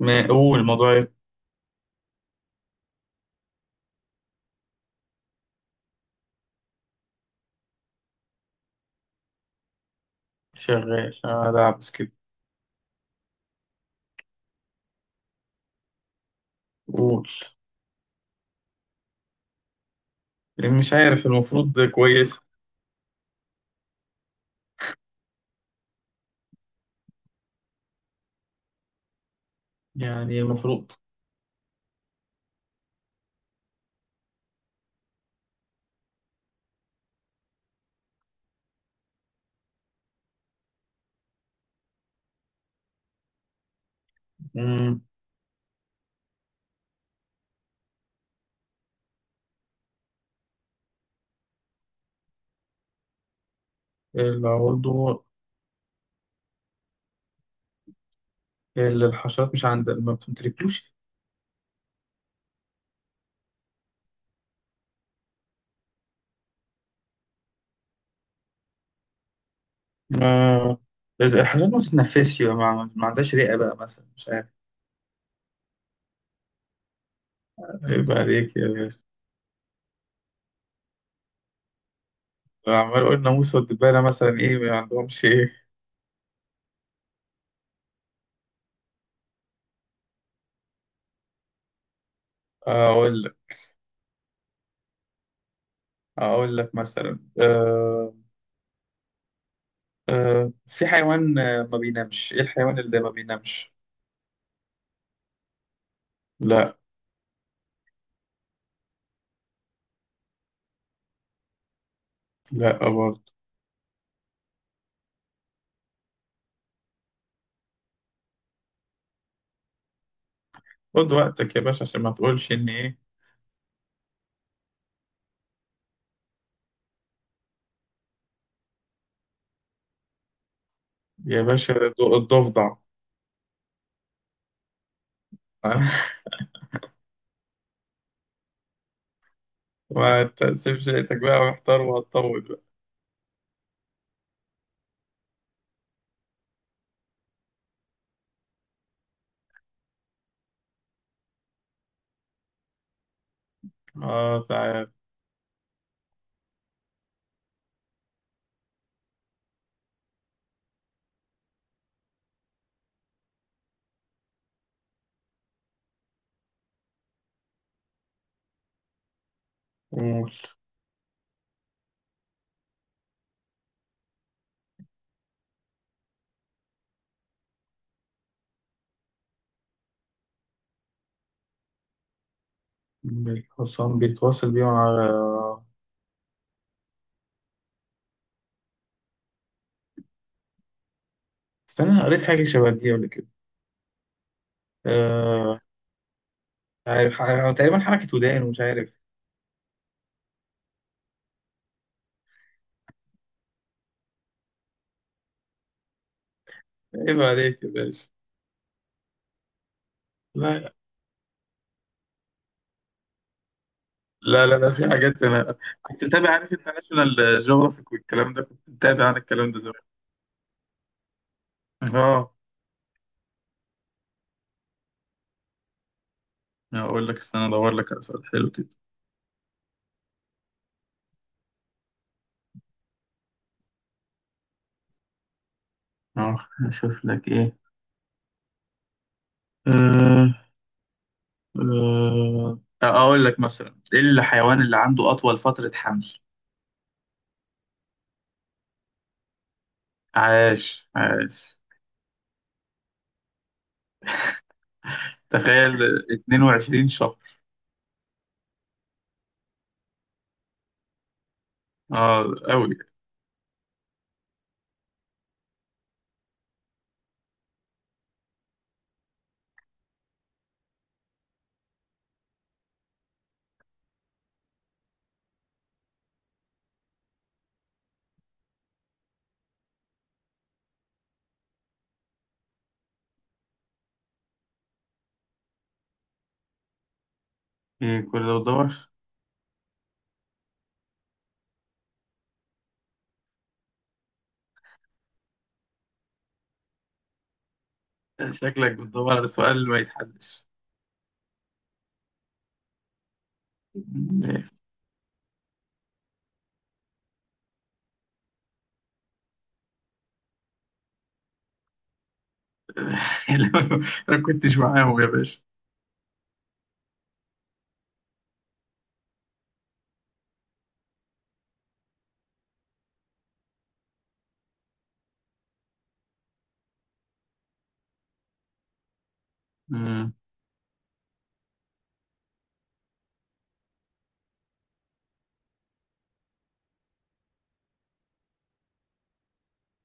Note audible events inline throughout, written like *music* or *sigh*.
ما قول الموضوع. شغال ألعب سكيب. قول. مش عارف، المفروض كويس. يعني المفروض. مم. العضو اللي الحشرات مش عندها ما بتمتلكلوش. ما الحشرات ما بتتنفسش بقى، ما عندهاش رئة بقى مثلا، مش عارف. عيب عليك يا باشا. عمال أقول ناموسة والدبانة مثلا إيه ما عندهمش إيه. أقول لك أقول لك مثلا أه. في حيوان ما بينامش. إيه الحيوان اللي ما بينامش؟ لا. لا برضه. خد وقتك يا باشا عشان ما تقولش ان ايه. يا باشا الضفدع. *laughs* ما تقسمش، لقيتك بقى محتار وهتطول بقى. اه تعال. قول. الحصان بيتواصل بيه مع. استنى، انا قريت حاجة شبه دي قبل كده. آه. مش عارف، تقريبا حركة ودان ومش عارف. عيب عليك يا باشا. لا. لا في حاجات انا كنت متابع. عارف انت ناشونال جيوغرافيك والكلام ده، كنت متابع عن الكلام ده زمان. اه. اقول لك، استنى ادور لك على سؤال حلو كده. اه اشوف لك ايه. أه. أقول لك مثلا إيه الحيوان اللي عنده أطول فترة حمل؟ عاش عاش. تخيل، 22 شهر. اه. أوي. إيه كل ده بتدور؟ شكلك بتدور على سؤال ما يتحلش. *laughs* لو- أنا ما كنتش معاهم يا باشا. مم.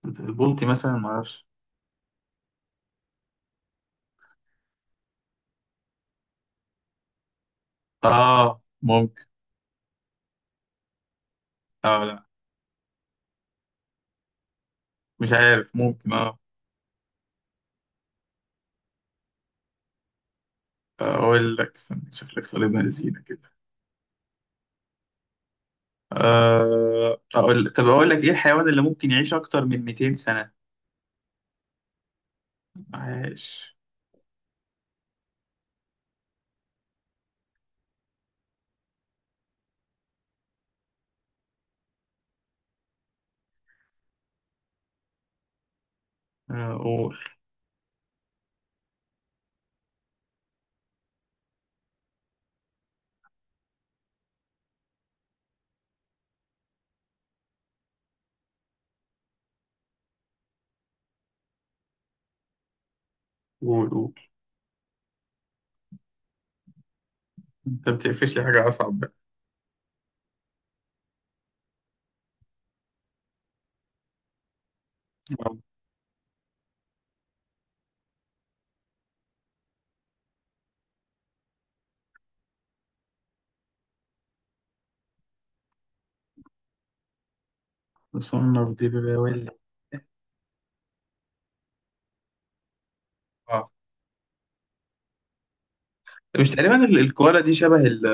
البلطي مثلا، معرفش. آه ممكن آه. لا مش عارف، ممكن آه. أقول لك استنى، شكلك صليب بنزينة. طب أقول لك إيه الحيوان اللي ممكن يعيش أكتر من 200 سنة؟ عاش. آه، قول قول قول. أنت بتقفش لي حاجة أصعب بقى. آه، مصنف دي بباول. آه، مش تقريبا الكوالا دي شبه ال.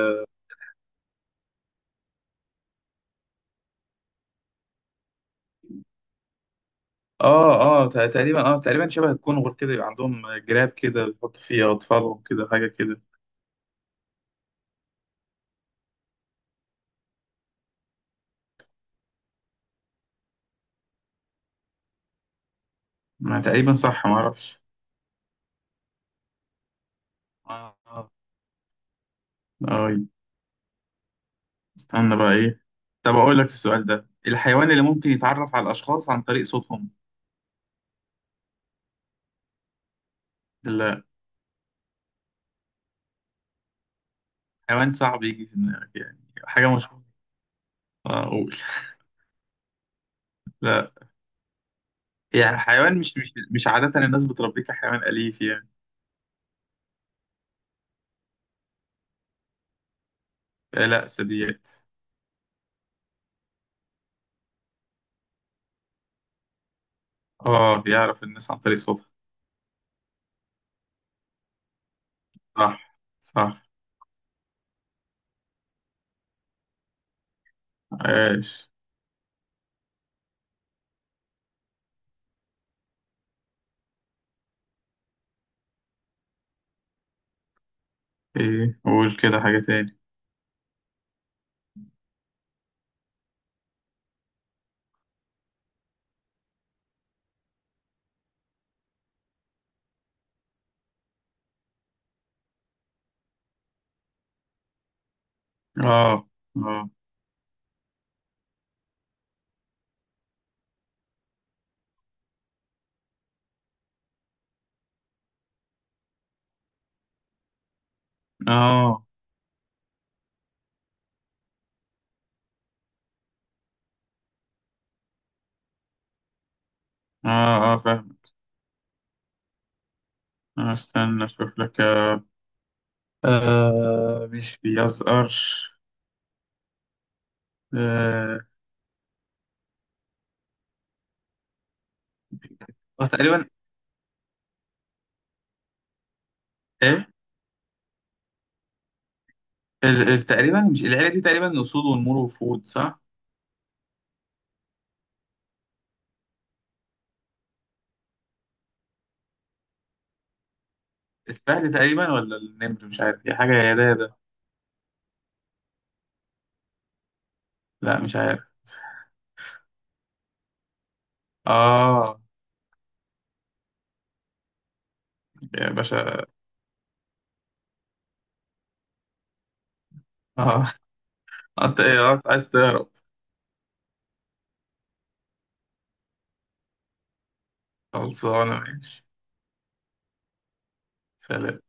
تقريبا تقريبا شبه الكونغر كده، يبقى عندهم جراب كده بيحط فيه أطفالهم كده، حاجة كده. ما تقريبا صح، ما أعرفش. آه آه. آه، استنى بقى إيه. طب أقول لك السؤال ده، الحيوان اللي ممكن يتعرف على الأشخاص عن طريق صوتهم. حيوان صعب يجي في دماغك يعني. حاجة مشهورة. آه، أقول. لا. يعني حيوان مش عادة الناس بتربيه كحيوان أليف يعني. آه، لا ثدييات. اه بيعرف الناس عن طريق صوتها. صح صح. عاش. ايه قول كده حاجة تاني. اه اه. اه اه اه فاهم. آه، استنى اشوف لك. آه مش بيزقرش. آه. آه، تقريبا. ايه. تقريبا مش العيلة دي تقريبا أسود ونمور وفهود صح؟ الفهد تقريبا ولا النمر، مش عارف، هي حاجة يا ده يا ده. لا مش عارف. اه يا باشا. اه. *laughs* انت ايه آه، عايز تهرب. خلصانة ماشي. سلام.